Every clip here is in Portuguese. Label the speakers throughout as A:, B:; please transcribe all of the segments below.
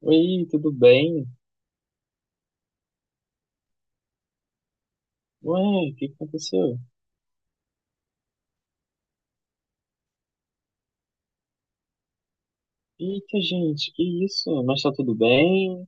A: Oi, tudo bem? Ué, o que que aconteceu? Eita, gente, que isso? Mas tá tudo bem?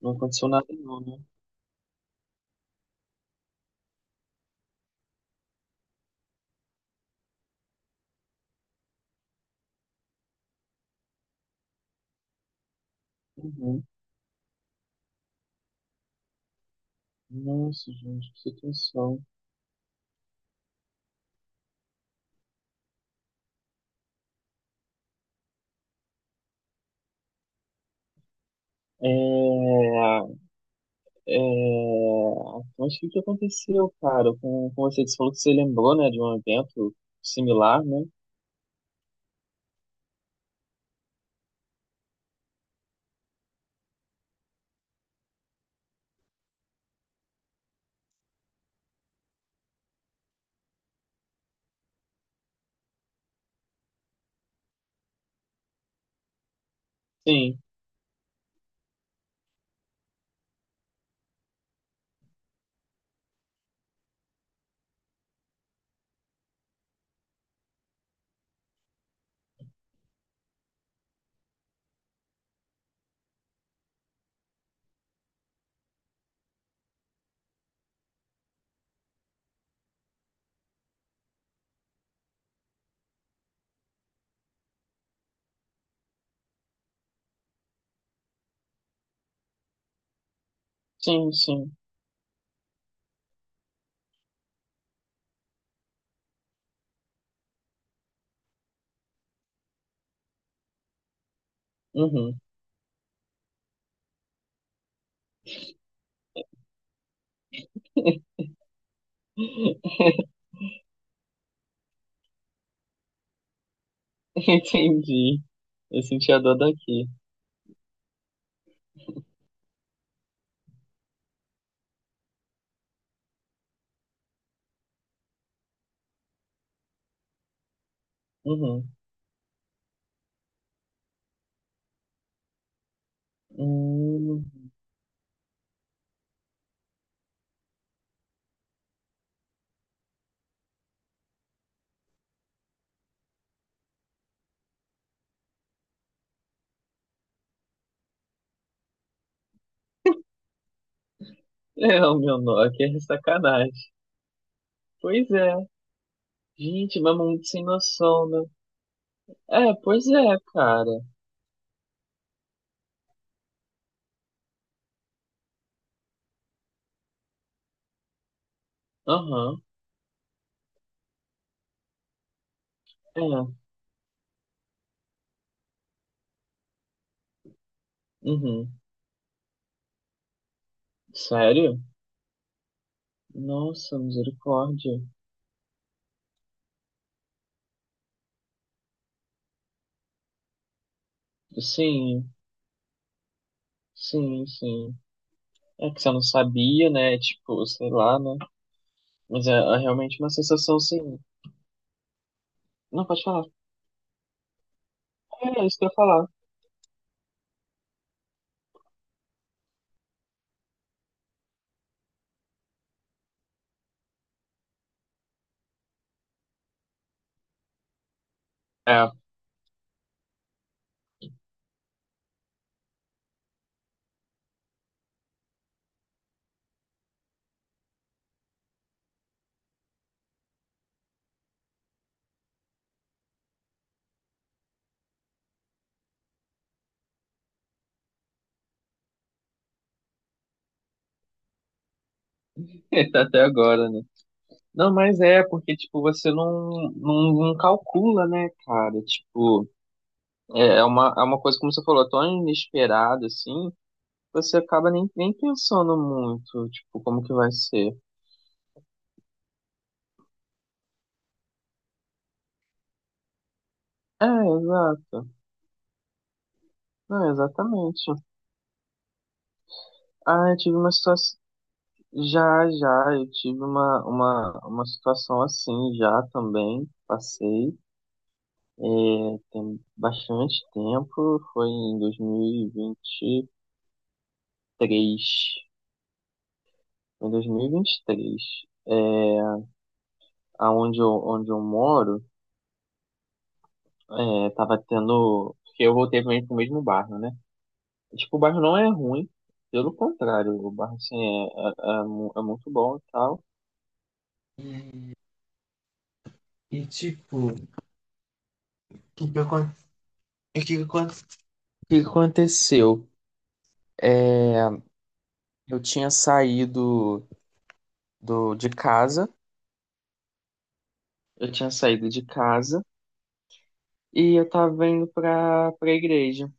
A: Não aconteceu nada não, né? Uhum. Nossa, gente, que situação. É, é... Mas o que que aconteceu, cara? Com você falou que você lembrou, né, de um evento similar, né? Sim, sim, sim. Uhum. Entendi. Eu senti a dor daqui. Uhum. Hum. É, o meu nó aqui é sacanagem. Pois é. Gente, mas muito sem noção, né? É, pois é, cara. Aham. É. Uhum. Sério? Nossa, misericórdia. Sim, sim, sim. É que você não sabia, né? Tipo, sei lá, né? Mas é, é realmente uma sensação, sim. Não, pode falar. É, é isso que eu ia falar. É, até agora, né? Não, mas é, porque, tipo, você não, não, não calcula, né, cara? Tipo, é uma coisa, como você falou, tão inesperada, assim, você acaba nem pensando muito, tipo, como que vai ser. É, exato. Não, exatamente. Ah, eu tive uma situação. Já, já, eu tive uma situação assim já também. Passei, tem bastante tempo, foi em 2023. Em 2023 é, onde eu moro, é, tava tendo. Porque eu voltei também pro mesmo bairro, né? Tipo, o bairro não é ruim, pelo contrário, o bairro, assim, é muito bom e tal. E, tipo, o que que acon- o que que acon- o que que aconteceu? É, eu tinha saído do, de casa, eu tinha saído de casa e eu tava indo pra igreja.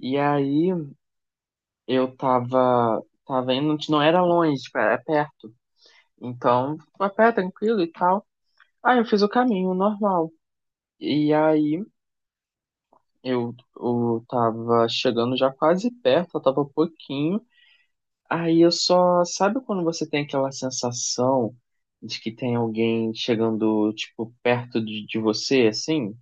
A: E aí, eu tava indo, não era longe, tipo, era perto. Então, a pé, tranquilo e tal. Aí, eu fiz o caminho normal. E aí... eu tava chegando já quase perto, eu tava um pouquinho. Aí eu só. Sabe quando você tem aquela sensação de que tem alguém chegando, tipo, perto de você, assim?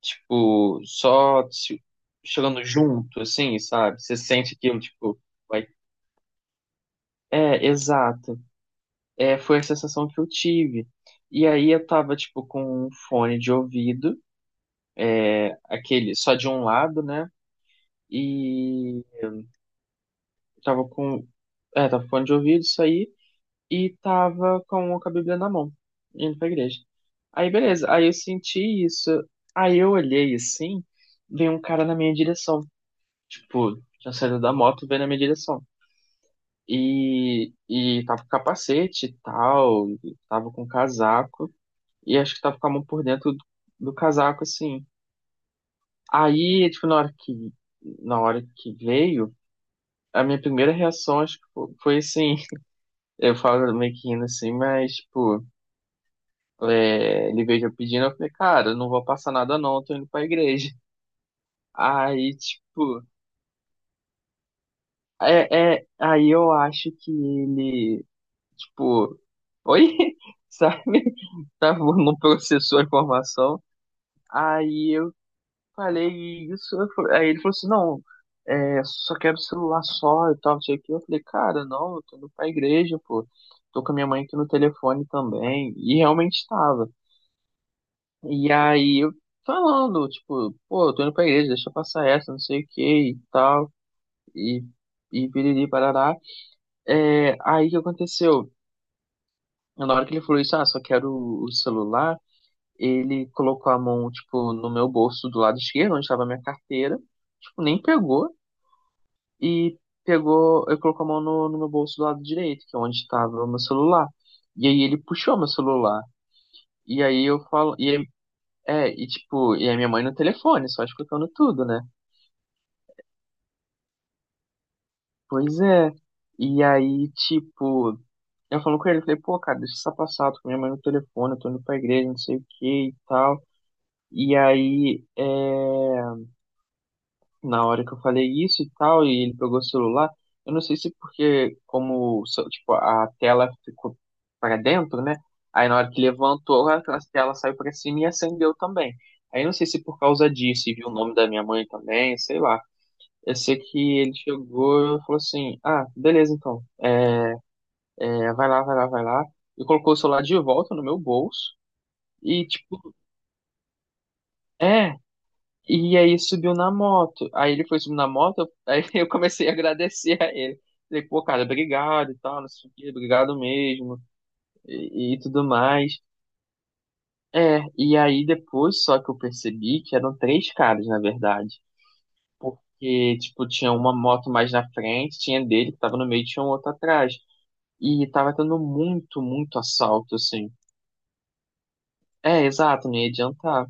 A: Tipo, só se- chegando junto, assim, sabe? Você sente aquilo, tipo, vai. É, exato. É, foi a sensação que eu tive. E aí eu tava, tipo, com um fone de ouvido, aquele só de um lado, né? E tava com. É, tava com fone de ouvido, isso aí. E tava com a Bíblia na mão, indo pra igreja. Aí, beleza. Aí eu senti isso. Aí eu olhei assim, veio um cara na minha direção. Tipo, tinha saído da moto, veio na minha direção. E tava com capacete e tal, tava com casaco. E acho que tava com a mão por dentro do, do casaco, assim. Aí, tipo, na hora que veio, a minha primeira reação, acho que foi assim. Eu falo meio que rindo assim, mas, tipo, é, ele veio já pedindo, eu falei, cara, não vou passar nada não, eu tô indo pra igreja. Aí, tipo, é, é, aí eu acho que ele, tipo, oi, sabe? Tá, não processou a informação. Aí eu falei isso, aí ele falou assim, não, é, só quero celular só e tal, não sei o que. Eu falei, cara, não, eu tô indo pra igreja, pô. Tô com a minha mãe aqui no telefone também. E realmente estava. E aí, eu falando, tipo, pô, eu tô indo pra igreja, deixa eu passar essa, não sei o que e tal, e, e piriri, parará. É, aí, o que aconteceu? Na hora que ele falou isso, ah, só quero o celular, ele colocou a mão, tipo, no meu bolso do lado esquerdo, onde estava a minha carteira, tipo, nem pegou, e eu colocou a mão no meu bolso do lado direito, que é onde estava o meu celular. E aí, ele puxou meu celular. E aí, eu falo, e, aí- é, e tipo, e a minha mãe no telefone, só escutando tudo, né? Pois é. E aí, tipo, eu falo com ele, falei, pô, cara, deixa essa passar, tô com minha mãe no telefone, eu tô indo pra igreja, não sei o que e tal. E aí, é, na hora que eu falei isso e tal, e ele pegou o celular, eu não sei se porque, como, so- tipo, a tela ficou pra dentro, né? Aí na hora que levantou, a tela saiu pra cima e acendeu também. Aí eu não sei se por causa disso, e viu o nome da minha mãe também, sei lá. Eu sei que ele chegou e falou assim, ah, beleza então. É, vai lá, vai lá, vai lá. E colocou o celular de volta no meu bolso. E, tipo, é. E aí subiu na moto. Aí ele foi subir na moto, aí eu comecei a agradecer a ele. Falei, pô, cara, obrigado e tal, não sei o quê, obrigado mesmo. E tudo mais. É, e aí depois só que eu percebi que eram três caras, na verdade. Porque, tipo, tinha uma moto mais na frente, tinha dele que tava no meio, e tinha um outro atrás. E tava tendo muito, muito assalto, assim. É, exato, não ia adiantar.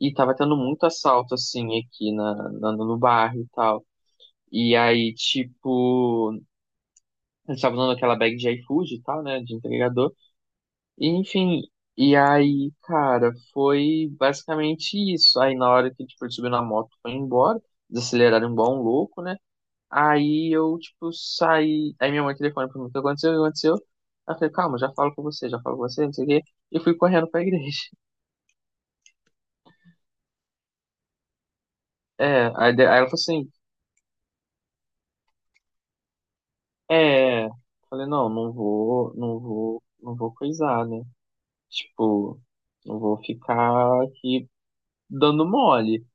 A: E tava tendo muito assalto, assim, aqui no bairro e tal. E aí, tipo, a gente tava usando aquela bag de iFood e tal, né, de entregador. E, enfim, e aí, cara, foi basicamente isso. Aí, na hora que, tipo, ele subiu na moto, foi embora, desaceleraram igual bom louco, né? Aí eu, tipo, saí. Aí minha mãe telefona pra mim, o que aconteceu? O que aconteceu? Aí eu falei, calma, já falo com você, já falo com você, não sei o quê. E eu fui correndo pra igreja. É, aí de- aí ela falou assim, É, falei, não, não vou coisar, né? Tipo, não vou ficar aqui dando mole.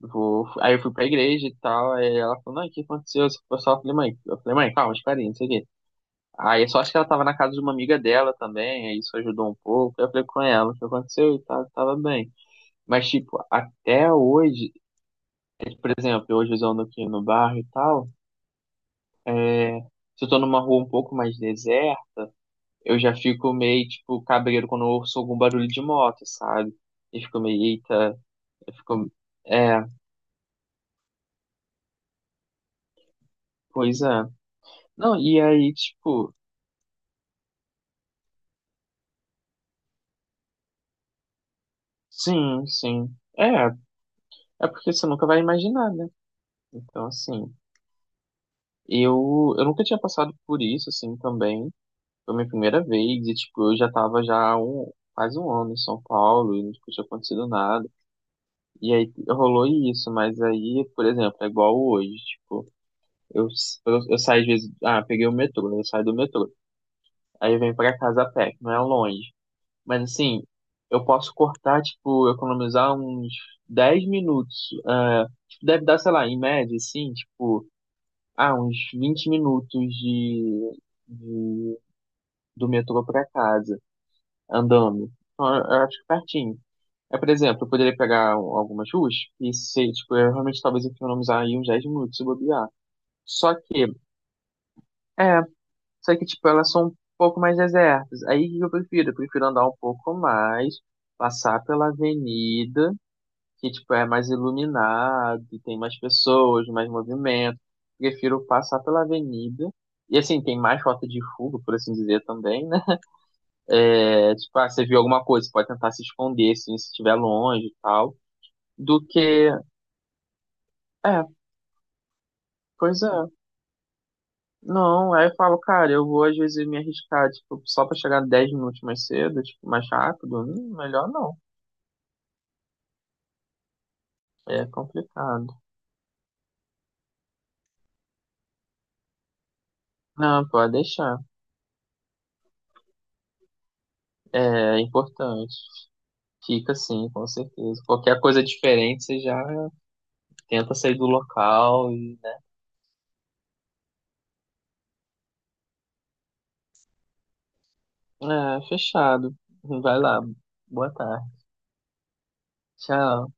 A: Vou... Aí eu fui pra igreja e tal, aí ela falou, não, o que aconteceu? Esse pessoal, eu só falei, mãe, eu falei, mãe, calma, espera aí, não sei o quê. Aí eu só acho que ela tava na casa de uma amiga dela também, aí isso ajudou um pouco. Aí eu falei com ela, o que aconteceu? E tal, tava bem. Mas, tipo, até hoje, é, por exemplo, hoje eu ando aqui no bairro e tal, é, se eu tô numa rua um pouco mais deserta, eu já fico meio, tipo, cabreiro quando eu ouço algum barulho de moto, sabe? E fico meio, eita, eu fico. É, pois é. Não, e aí, tipo, sim, sim. É, é porque você nunca vai imaginar, né? Então, assim, eu nunca tinha passado por isso, assim, também. Foi minha primeira vez, e, tipo, eu já tava já há quase um ano em São Paulo, e nunca tinha acontecido nada. E aí rolou isso, mas aí, por exemplo, é igual hoje, tipo. Eu, eu saio às vezes, ah, peguei o metrô, né? Eu saio do metrô. Aí eu venho pra casa a pé, que não é longe. Mas assim, eu posso cortar, tipo, economizar uns 10 minutos. Ah, tipo, deve dar, sei lá, em média, assim, tipo, ah, uns 20 minutos de, de- do metrô pra casa, andando. Então, eu acho que pertinho. É, por exemplo, eu poderia pegar algumas ruas e ser, tipo, eu realmente talvez economizar aí uns 10 minutos se bobear. Só que, é, só que, tipo, elas são um pouco mais desertas. Aí o que eu prefiro? Eu prefiro andar um pouco mais, passar pela avenida, que, tipo, é mais iluminado, e tem mais pessoas, mais movimento. Prefiro passar pela avenida. E, assim, tem mais rota de fuga, por assim dizer, também, né? É, tipo, ah, você viu alguma coisa, você pode tentar se esconder, assim, se estiver longe e tal. Do que... É, pois é. Não, aí eu falo, cara, eu vou às vezes me arriscar, tipo, só pra chegar 10 minutos mais cedo, tipo, mais rápido. Hum, melhor não. É complicado. Não, pode deixar. É importante. Fica sim, com certeza. Qualquer coisa diferente, você já tenta sair do local e. É, fechado. Vai lá. Boa tarde. Tchau.